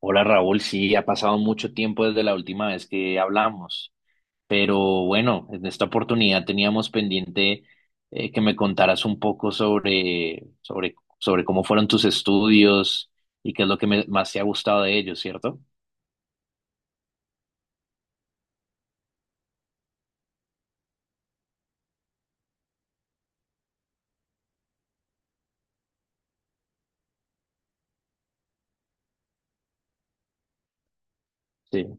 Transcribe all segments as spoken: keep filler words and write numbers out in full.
Hola Raúl, sí, ha pasado mucho tiempo desde la última vez que hablamos, pero bueno, en esta oportunidad teníamos pendiente eh, que me contaras un poco sobre, sobre, sobre cómo fueron tus estudios y qué es lo que me- más te ha gustado de ellos, ¿cierto? Sí.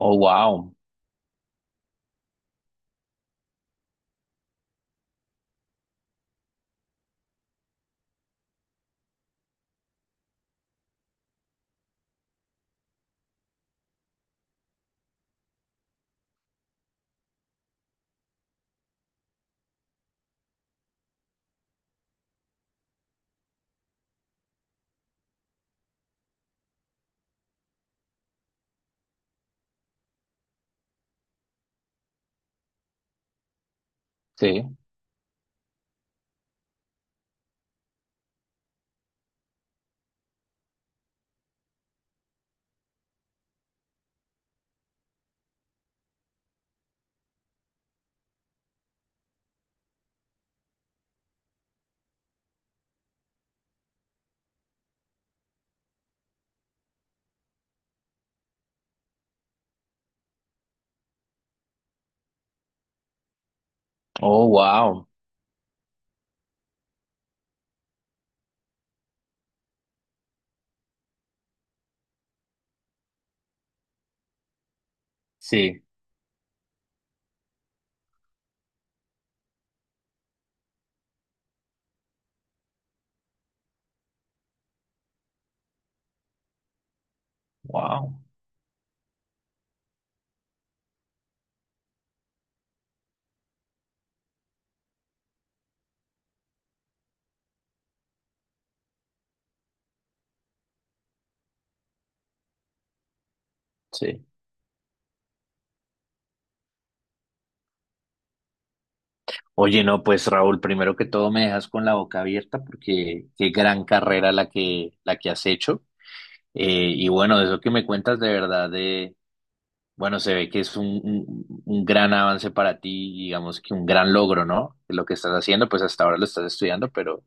Oh, wow. Sí. Oh, wow. Sí. Wow. Sí. Oye, no, pues Raúl, primero que todo me dejas con la boca abierta porque qué gran carrera la que, la que has hecho. Eh, y bueno, de eso que me cuentas de verdad, de, bueno, se ve que es un, un, un gran avance para ti, digamos que un gran logro, ¿no? Lo que estás haciendo, pues hasta ahora lo estás estudiando, pero,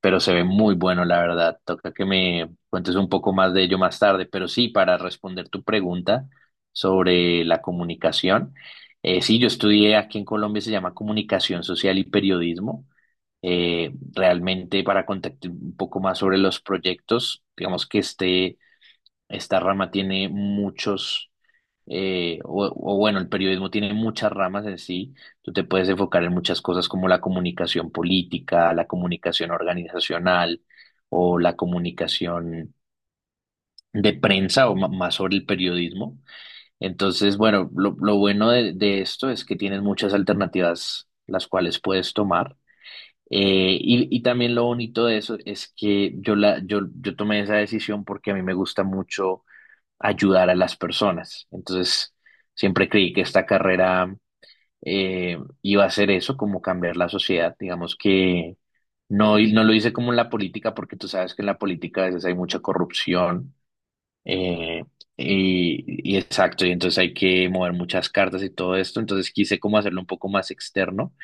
pero se ve muy bueno, la verdad. Toca que me cuentes un poco más de ello más tarde, pero sí, para responder tu pregunta sobre la comunicación, eh, sí, yo estudié aquí en Colombia, se llama Comunicación Social y Periodismo. Eh, realmente para contarte un poco más sobre los proyectos, digamos que este... Esta rama tiene muchos, eh, o, o bueno, el periodismo tiene muchas ramas en sí. Tú te puedes enfocar en muchas cosas como la comunicación política, la comunicación organizacional o la comunicación de prensa o ma- más sobre el periodismo. Entonces, bueno, lo, lo bueno de, de esto es que tienes muchas alternativas las cuales puedes tomar. Eh, y, y también lo bonito de eso es que yo, la, yo, yo tomé esa decisión porque a mí me gusta mucho ayudar a las personas. Entonces, siempre creí que esta carrera eh, iba a ser eso, como cambiar la sociedad. Digamos que no, no lo hice como en la política, porque tú sabes que en la política a veces hay mucha corrupción. eh, y, y exacto, y entonces hay que mover muchas cartas y todo esto. Entonces quise como hacerlo un poco más externo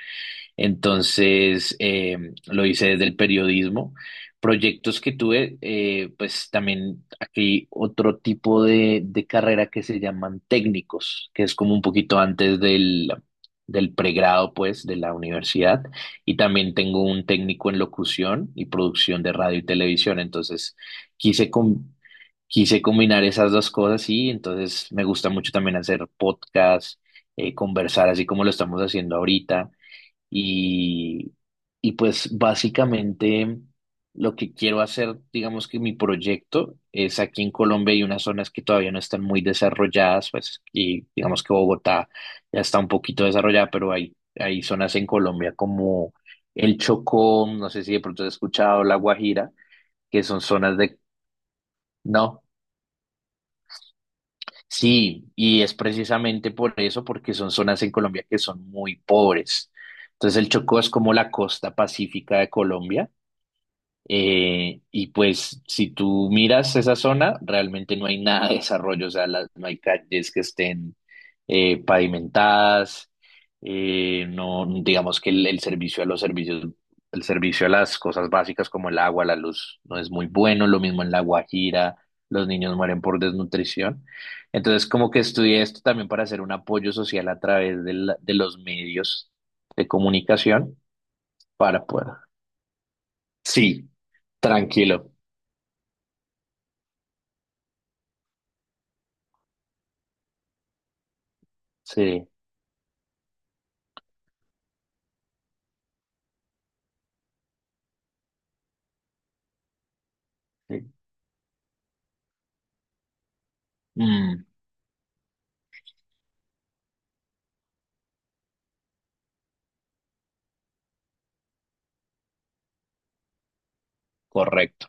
entonces, eh, lo hice desde el periodismo. Proyectos que tuve, eh, pues también aquí otro tipo de, de carrera que se llaman técnicos, que es como un poquito antes del, del pregrado, pues, de la universidad. Y también tengo un técnico en locución y producción de radio y televisión. Entonces, quise com- quise combinar esas dos cosas y entonces me gusta mucho también hacer podcast, eh, conversar así como lo estamos haciendo ahorita. Y, y pues básicamente lo que quiero hacer, digamos que mi proyecto es aquí en Colombia hay unas zonas que todavía no están muy desarrolladas, pues y digamos que Bogotá ya está un poquito desarrollada, pero hay, hay zonas en Colombia como el Chocó, no sé si de pronto has escuchado La Guajira, que son zonas de... No, sí, y es precisamente por eso, porque son zonas en Colombia que son muy pobres. Entonces el Chocó es como la costa pacífica de Colombia. Eh, y pues si tú miras esa zona, realmente no hay nada de desarrollo, o sea, las- no hay calles que estén eh, pavimentadas, eh, no, digamos que el, el servicio a los servicios, el servicio a las cosas básicas como el agua, la luz, no es muy bueno, lo mismo en La Guajira, los niños mueren por desnutrición. Entonces, como que estudié esto también para hacer un apoyo social a través de, la- de los medios de comunicación para poder. Sí, tranquilo. Sí, sí. Mm, correcto.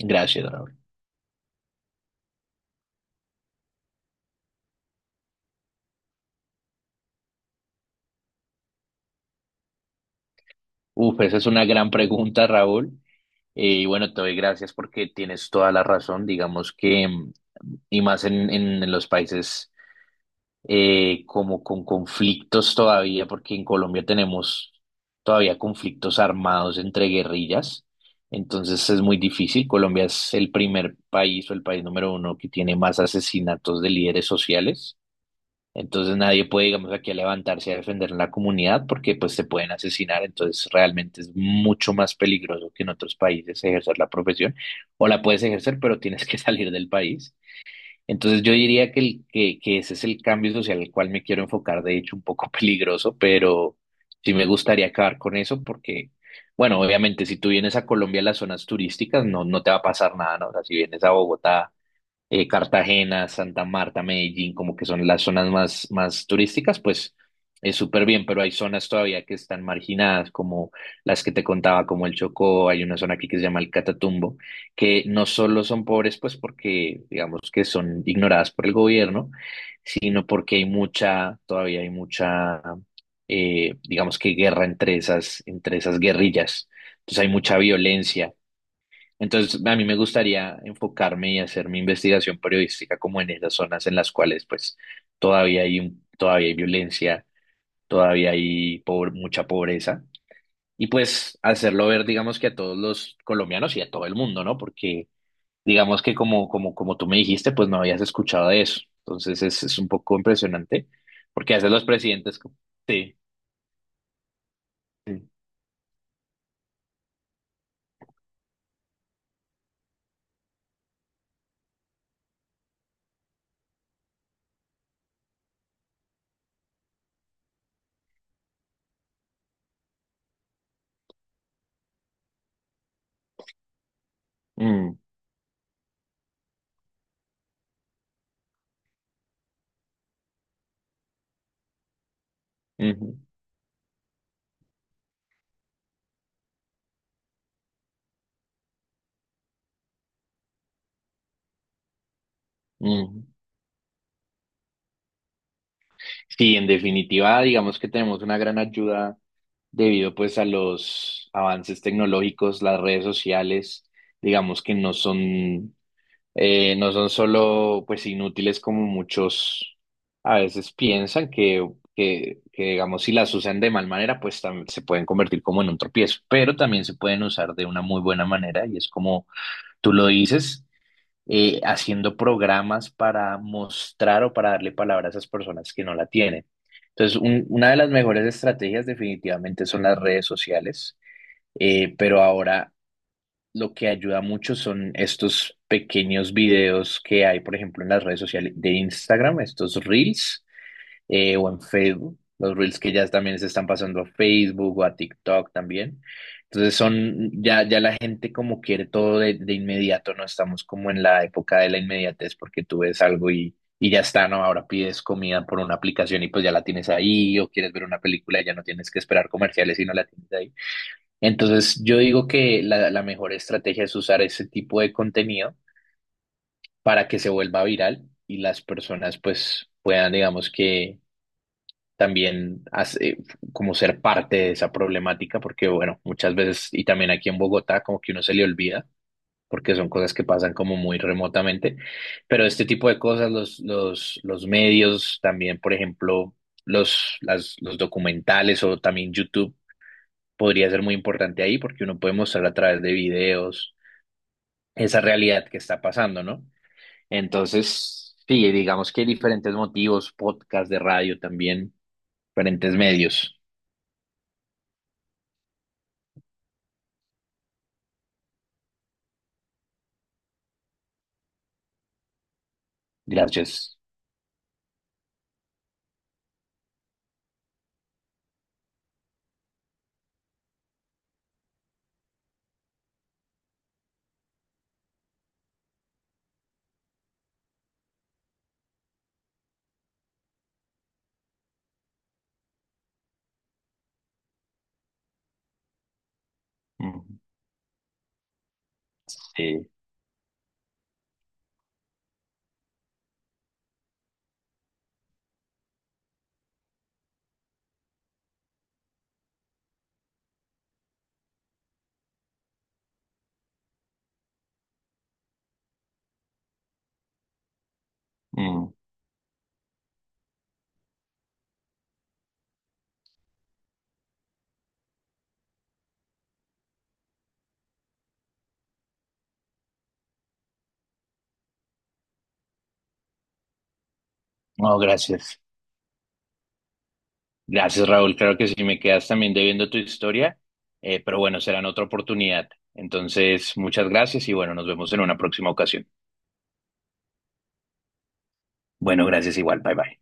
Gracias, Raúl. Uf, esa es una gran pregunta, Raúl. Eh, y bueno, te doy gracias porque tienes toda la razón. Digamos que, mm, y más en, en, en los países eh, como con conflictos todavía, porque en Colombia tenemos todavía conflictos armados entre guerrillas. Entonces es muy difícil. Colombia es el primer país o el país número uno que tiene más asesinatos de líderes sociales. Entonces nadie puede, digamos, aquí a levantarse a defender la comunidad porque pues se pueden asesinar. Entonces realmente es mucho más peligroso que en otros países ejercer la profesión. O la puedes ejercer, pero tienes que salir del país. Entonces yo diría que, el, que, que ese es el cambio social al cual me quiero enfocar, de hecho un poco peligroso, pero sí me gustaría acabar con eso porque, bueno, obviamente si tú vienes a Colombia, a las zonas turísticas, no, no te va a pasar nada, ¿no? O sea, si vienes a Bogotá, eh, Cartagena, Santa Marta, Medellín, como que son las zonas más, más turísticas, pues es súper bien, pero hay zonas todavía que están marginadas, como las que te contaba, como el Chocó. Hay una zona aquí que se llama el Catatumbo, que no solo son pobres, pues porque digamos que son ignoradas por el gobierno, sino porque hay mucha, todavía hay mucha, eh, digamos que guerra entre esas, entre esas guerrillas. Entonces hay mucha violencia, entonces, a mí me gustaría enfocarme y hacer mi investigación periodística como en esas zonas en las cuales pues todavía hay un- todavía hay violencia, todavía hay pobre- mucha pobreza y pues hacerlo ver digamos que a todos los colombianos y a todo el mundo, ¿no? Porque digamos que como como como tú me dijiste, pues no habías escuchado de eso. Entonces, es, es un poco impresionante porque a veces los presidentes como- sí, sí. Mm, ujú, ujú. Sí, en definitiva, digamos que tenemos una gran ayuda debido pues a los avances tecnológicos, las redes sociales, digamos que no son, eh, no son solo pues inútiles como muchos a veces piensan que, que, que, digamos si las usan de mal manera pues tam- se pueden convertir como en un tropiezo, pero también se pueden usar de una muy buena manera y es como tú lo dices, eh, haciendo programas para mostrar o para darle palabra a esas personas que no la tienen. Entonces, un- una de las mejores estrategias definitivamente son las redes sociales, eh, pero ahora lo que ayuda mucho son estos pequeños videos que hay, por ejemplo, en las redes sociales de Instagram, estos reels, eh, o en Facebook, los Reels que ya también se están pasando a Facebook o a TikTok también. Entonces son, ya, ya la gente como quiere todo de, de inmediato, no estamos como en la época de la inmediatez porque tú ves algo y, y ya está, ¿no? Ahora pides comida por una aplicación y pues ya la tienes ahí, o quieres ver una película y ya no tienes que esperar comerciales y no la tienes ahí. Entonces yo digo que la, la mejor estrategia es usar ese tipo de contenido para que se vuelva viral y las personas pues puedan, digamos que también hace- como ser parte de esa problemática, porque bueno, muchas veces, y también aquí en Bogotá, como que uno se le olvida, porque son cosas que pasan como muy remotamente, pero este tipo de cosas, los, los, los medios, también, por ejemplo, los, las, los documentales o también YouTube, podría ser muy importante ahí, porque uno puede mostrar a través de videos esa realidad que está pasando, ¿no? Entonces, sí, digamos que hay diferentes motivos, podcast de radio también, diferentes medios. Gracias. Mm, sí. Mm, no, gracias. Gracias, Raúl. Claro que sí, me quedas también debiendo tu historia, eh, pero bueno, será en otra oportunidad. Entonces, muchas gracias y bueno, nos vemos en una próxima ocasión. Bueno, gracias igual. Bye bye.